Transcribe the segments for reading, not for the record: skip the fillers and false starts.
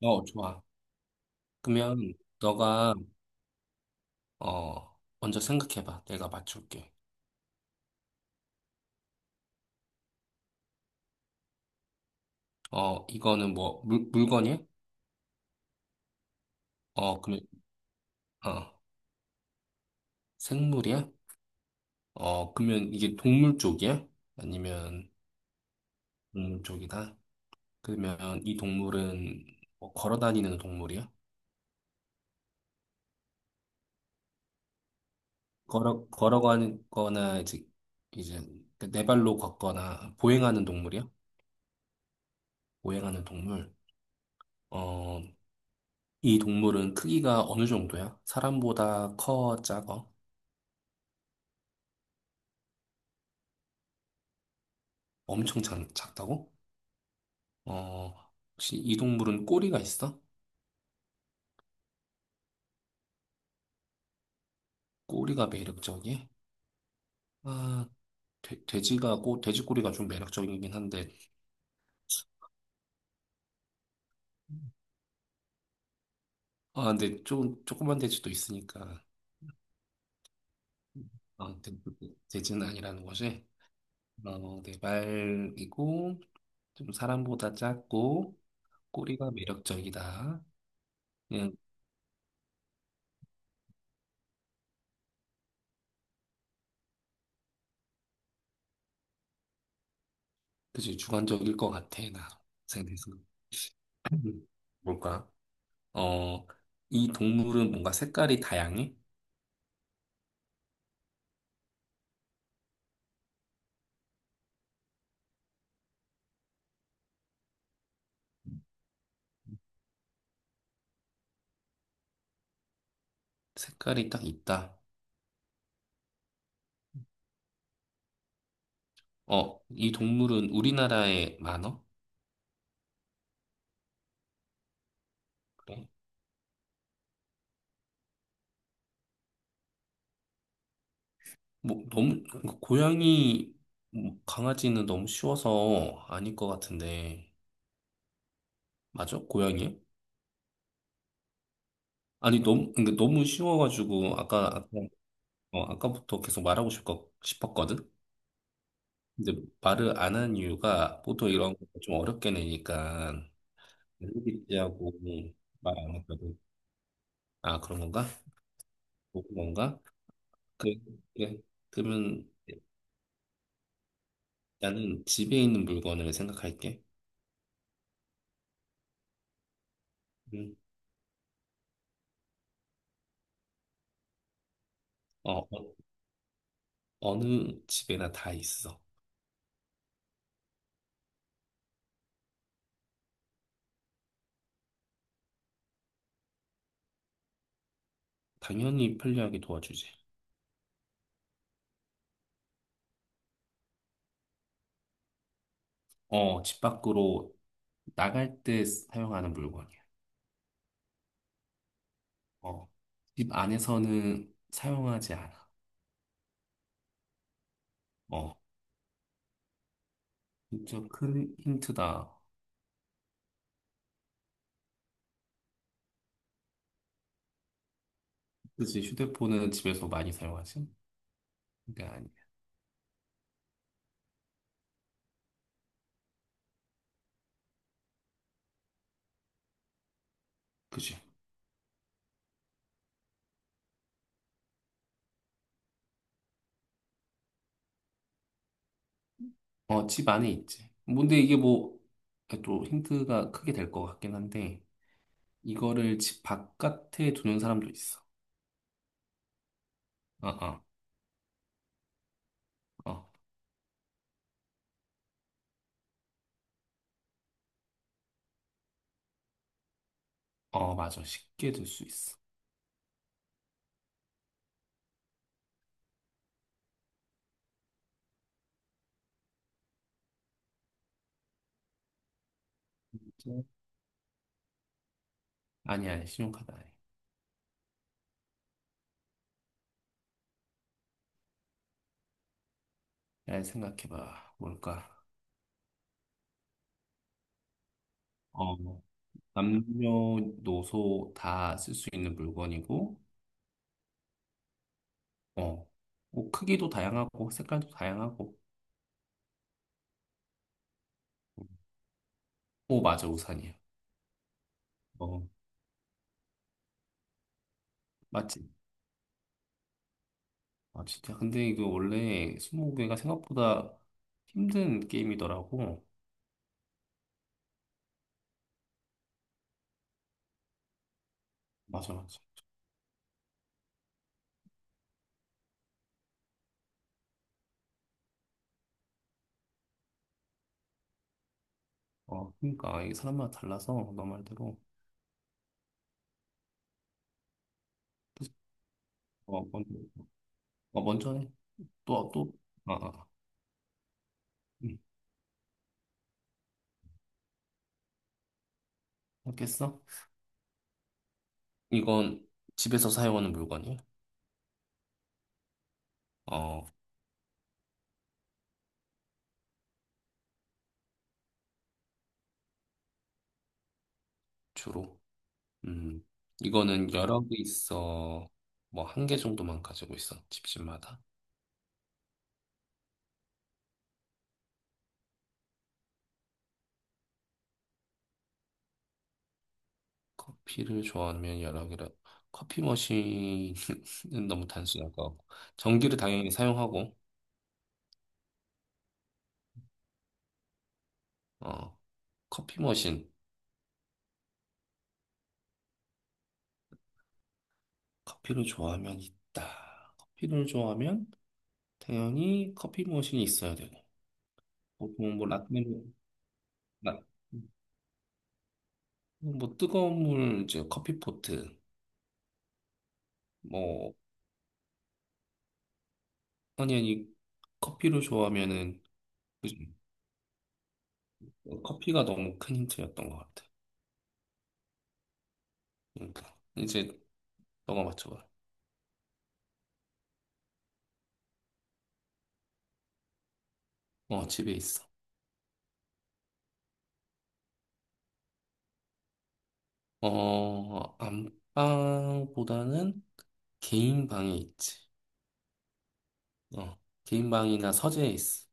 어, 좋아. 그러면 너가 먼저 생각해봐. 내가 맞출게. 어, 이거는 뭐 물건이야? 어, 그러면 어 생물이야? 어, 그러면 이게 동물 쪽이야? 아니면 동물 쪽이다? 그러면 이 동물은 뭐 걸어 다니는 동물이야? 걸어가거나 이제 네 발로 걷거나 보행하는 동물이야? 보행하는 동물. 어, 이 동물은 크기가 어느 정도야? 사람보다 커, 작아? 엄청 작다고? 어, 혹시 이 동물은 꼬리가 있어? 꼬리가 매력적이야? 아, 돼지가 돼지 꼬리가 좀 매력적이긴 한데, 아, 근데 좀, 조그만 돼지도 있으니까, 아, 돼지는 아니라는 거지? 어, 네, 말이고, 좀 사람보다 작고, 꼬리가 매력적이다. 그냥, 그치, 주관적일 것 같아, 나. 생각해서. 뭘까? 어, 이 동물은 뭔가 색깔이 다양해? 색깔이 딱 있다. 어, 이 동물은 우리나라에 많어? 그래? 뭐, 너무, 그러니까 고양이, 뭐, 강아지는 너무 쉬워서 아닐 것 같은데. 맞아? 고양이요? 아니, 너무, 그러니까 너무 쉬워가지고, 아까, 어, 아까부터 계속 싶었거든? 근데 말을 안 한 이유가 보통 이런 거 좀 어렵게 내니까, 엘리베이터하고 말 안 했거든. 아, 그런 건가? 그런 건가? 그래, 그래. 그러면, 나는 집에 있는 물건을 생각할게. 음. 어, 어, 어느 집에나 다 있어. 당연히 편리하게 도와주지. 어, 집 밖으로 나갈 때 사용하는 물건이야. 어, 집 안에서는 사용하지 않아. 어, 진짜 큰 힌트다. 그치, 휴대폰은 집에서 많이 사용하지? 그게 아니야. 그치. 어, 집 안에 있지. 뭔데 이게 뭐, 또 힌트가 크게 될 것 같긴 한데, 이거를 집 바깥에 두는 사람도 있어. 어, 어, 어. 어, 맞아. 쉽게 들 수 있어. 그치? 아니, 신용카드 아니. 잘 생각해봐. 뭘까? 어, 남녀노소 다 쓸 수 있는 물건이고, 어, 뭐 크기도 다양하고, 색깔도 다양하고. 오, 맞아. 우산이야. 어, 맞지? 아, 진짜. 근데 이거 원래 스무고개가 생각보다 힘든 게임이더라고. 맞아, 맞아. 어, 그러니까 이게 사람마다 달라서 너 말대로. 어, 먼저, 어, 먼저 해. 또, 또. 아, 아. 응. 알겠어? 이건 집에서 사용하는 물건이야? 어, 주로. 음, 이거는 여러 개 있어. 뭐, 한 개 정도만 가지고 있어. 집집마다. 커피를 좋아하면 여러 개라. 커피 머신은 너무 단순할 것 같고. 전기를 당연히 사용하고, 어, 커피 머신. 커피를 좋아하면 있다. 커피를 좋아하면 당연히 커피 머신이 있어야 되고. 보통 뭐, 라, 음, 뭐, 뜨거운 물, 이제 커피포트. 뭐 아니, 커피를 좋아하면은, 그지? 커피가 너무 큰 힌트였던 것 같아. 응. 이제 너가 맞춰봐. 어, 집에 있어. 어, 안방보다는 개인 방에 있지. 어, 개인 방이나 서재에 있어.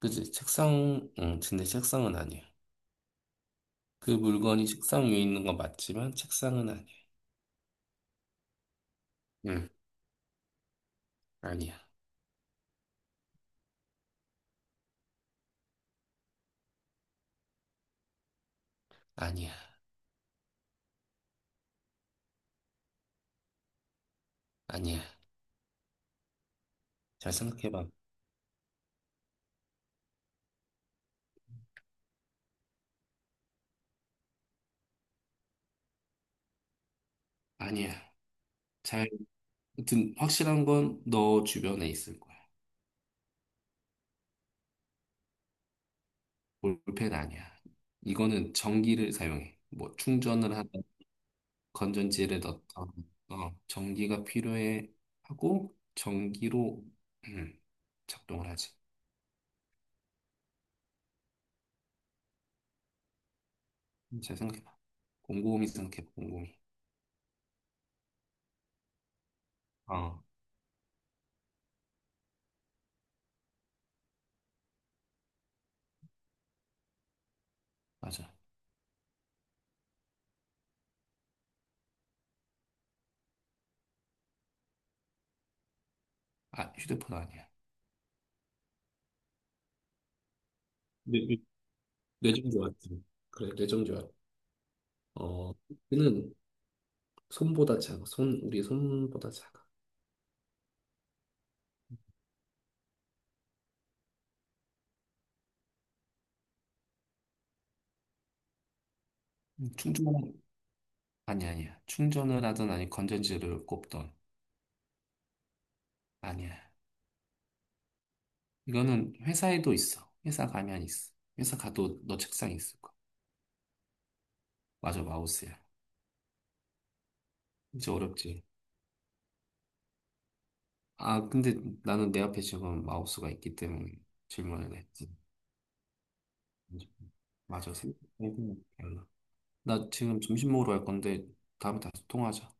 그지? 책상, 응, 근데 책상은 아니야. 그 물건이 책상 위에 있는 건 맞지만 책상은 아니야. 응, 아니야. 아니야. 아니야. 잘 생각해봐. 아니야. 잘, 아무튼 확실한 건 너 주변에 있을 거야. 볼펜 아니야. 이거는 전기를 사용해. 뭐 충전을 하든 건전지를 넣던 어, 전기가 필요해 하고 전기로 음, 작동을 하지. 잘 생각해봐. 곰곰이 생각해봐. 곰곰이. 어, 맞아. 아, 휴대폰 아니야. 뇌, 뇌- 뇌정지 왔지. 그래, 뇌정지 왔. 어, 이는 손보다 작아. 손, 우리 손보다 작아. 충전 아니 아니야. 충전을 하든 아니 건전지를 꼽던 아니야. 이거는 회사에도 있어. 회사 가면 있어. 회사 가도 너 책상에 있을 거야. 맞아, 마우스야. 이제 어렵지. 아, 근데 나는 내 앞에 지금 마우스가 있기 때문에 질문을 했지. 맞아, 생각해보면 달라. 나 지금 점심 먹으러 갈 건데 다음에 다시 통화하자.